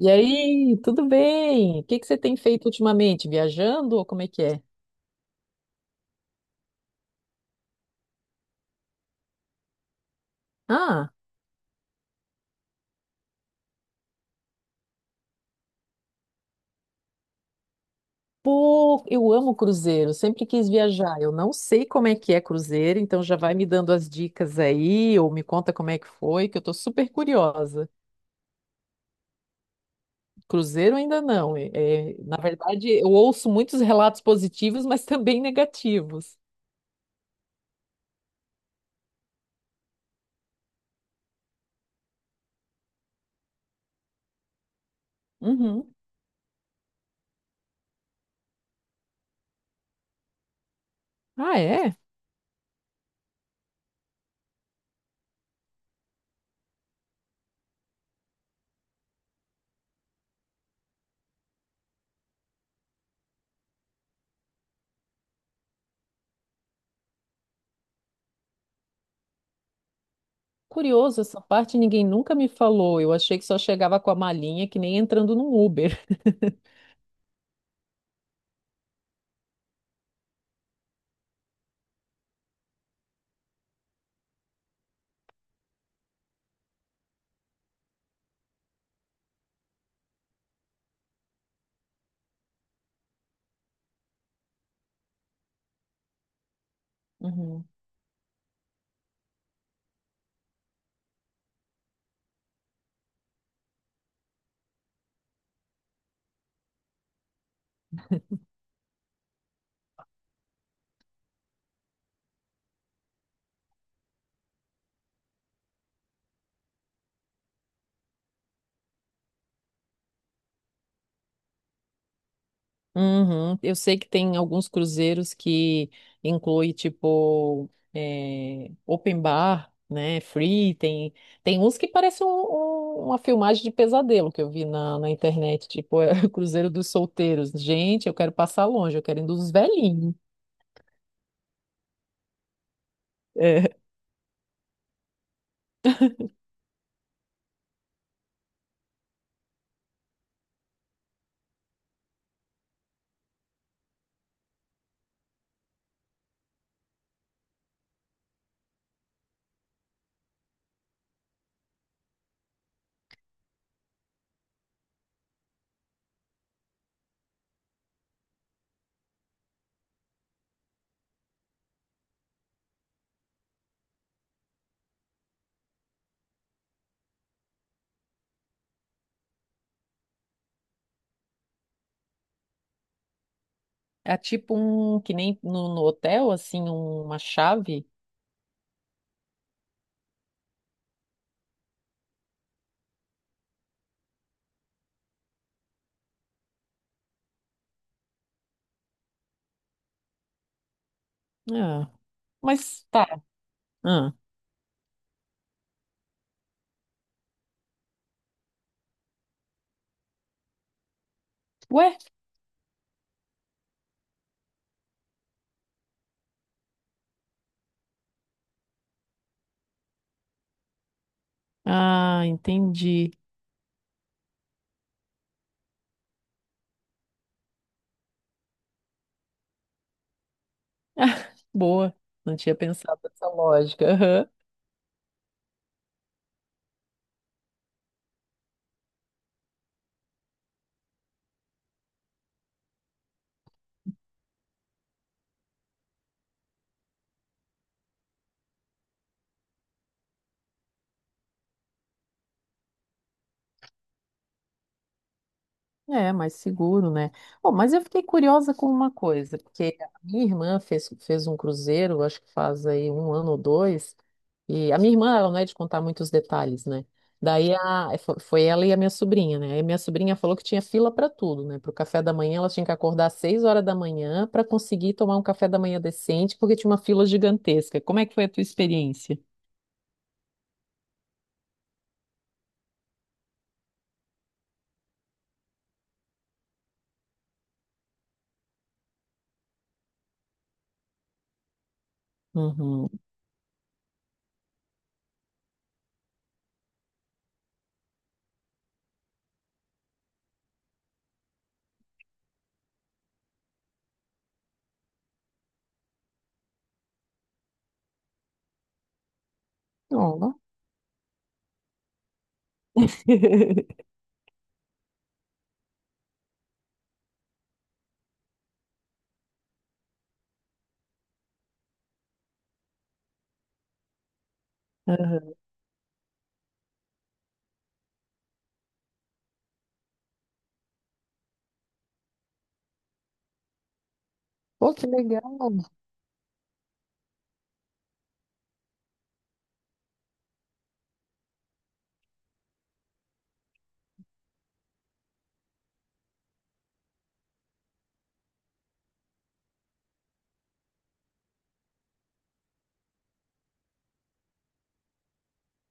E aí, tudo bem? O que que você tem feito ultimamente? Viajando ou como é que é? Ah, pô, eu amo cruzeiro, sempre quis viajar. Eu não sei como é que é cruzeiro, então já vai me dando as dicas aí, ou me conta como é que foi, que eu tô super curiosa. Cruzeiro ainda não. É, na verdade, eu ouço muitos relatos positivos, mas também negativos. Uhum. Ah, é? Curioso, essa parte ninguém nunca me falou. Eu achei que só chegava com a malinha, que nem entrando num Uber. Uhum. Uhum. Eu sei que tem alguns cruzeiros que inclui tipo open bar, né? Free, tem uns que parece uma filmagem de pesadelo que eu vi na internet, tipo é, o Cruzeiro dos Solteiros. Gente, eu quero passar longe, eu quero ir dos velhinhos. É, é tipo um que nem no hotel, assim, uma chave. Ah, mas tá. Ah. Ué? Ah, entendi. Boa. Não tinha pensado nessa lógica. Aham. É, mais seguro, né? Bom, mas eu fiquei curiosa com uma coisa, porque a minha irmã fez um cruzeiro, acho que faz aí um ano ou dois, e a minha irmã, ela não é de contar muitos detalhes, né? Daí foi ela e a minha sobrinha, né? Aí a minha sobrinha falou que tinha fila para tudo, né? Para o café da manhã, ela tinha que acordar às 6 horas da manhã para conseguir tomar um café da manhã decente, porque tinha uma fila gigantesca. Como é que foi a tua experiência? Uhum. Ó. Uhum. Pô, que legal.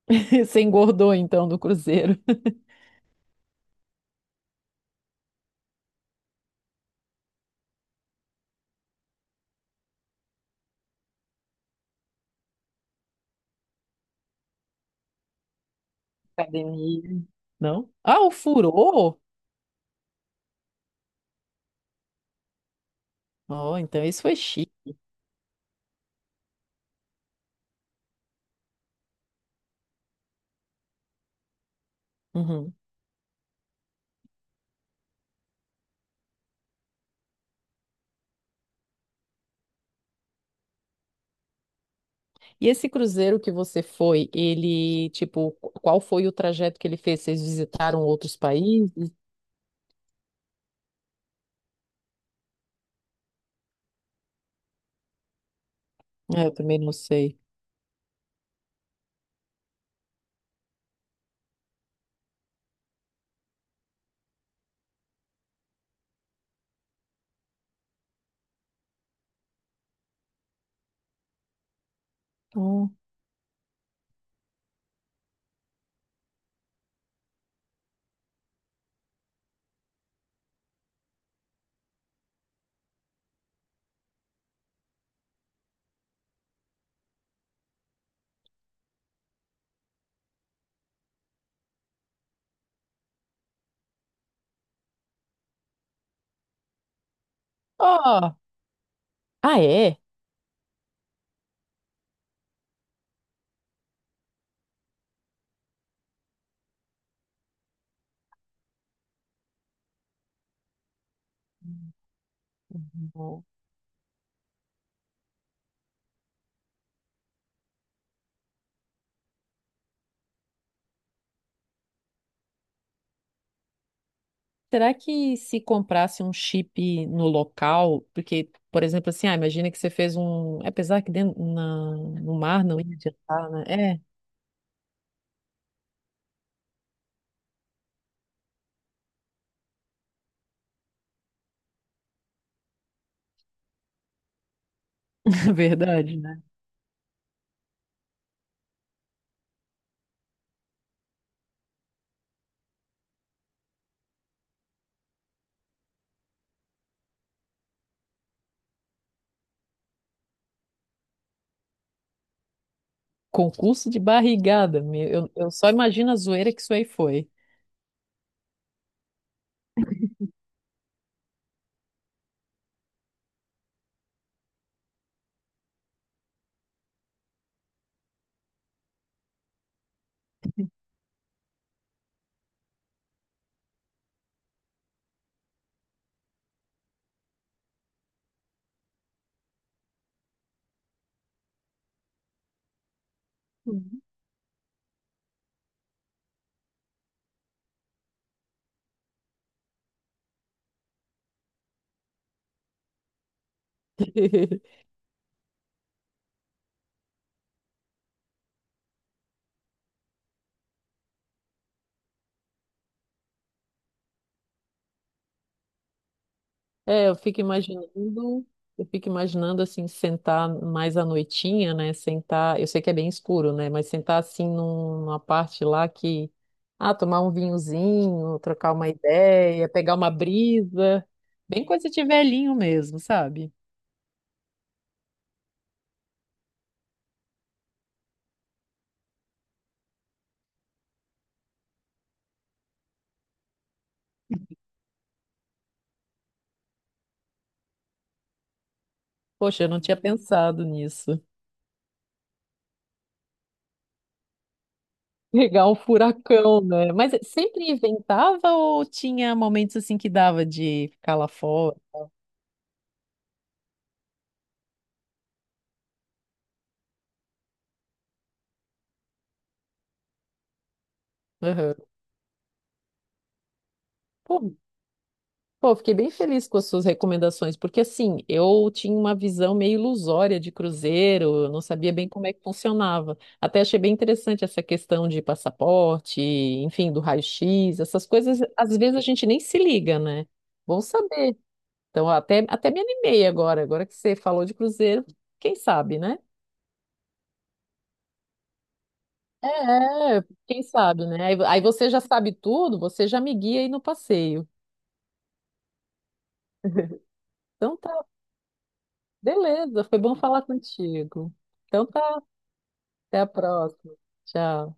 Você engordou então do cruzeiro. Academia. Não? Ah, o furou. Ó, então isso foi chique. Uhum. E esse cruzeiro que você foi, ele, tipo, qual foi o trajeto que ele fez? Vocês visitaram outros países? Ah, eu também não sei. Hum. Ó, ah, é? Ó. Será que se comprasse um chip no local, porque, por exemplo, assim, ah, imagina que você fez um, apesar que dentro no mar não ia adiantar, né? É, verdade, né? Concurso de barrigada. Meu, eu só imagino a zoeira que isso aí foi. Uhum. É, eu fico imaginando assim, sentar mais à noitinha, né? Sentar, eu sei que é bem escuro, né? Mas sentar assim numa parte lá que, ah, tomar um vinhozinho, trocar uma ideia, pegar uma brisa, bem coisa de velhinho mesmo, sabe? Poxa, eu não tinha pensado nisso. Pegar um furacão, né? Mas sempre inventava ou tinha momentos assim que dava de ficar lá fora? Aham. Pô, pô, fiquei bem feliz com as suas recomendações, porque assim, eu tinha uma visão meio ilusória de cruzeiro, eu não sabia bem como é que funcionava. Até achei bem interessante essa questão de passaporte, enfim, do raio-x, essas coisas, às vezes a gente nem se liga, né? Bom saber. Então, até me animei agora, agora que você falou de cruzeiro, quem sabe, né? É, é, quem sabe, né? Aí você já sabe tudo, você já me guia aí no passeio. Então tá, beleza, foi bom falar contigo. Então tá, até a próxima. Tchau.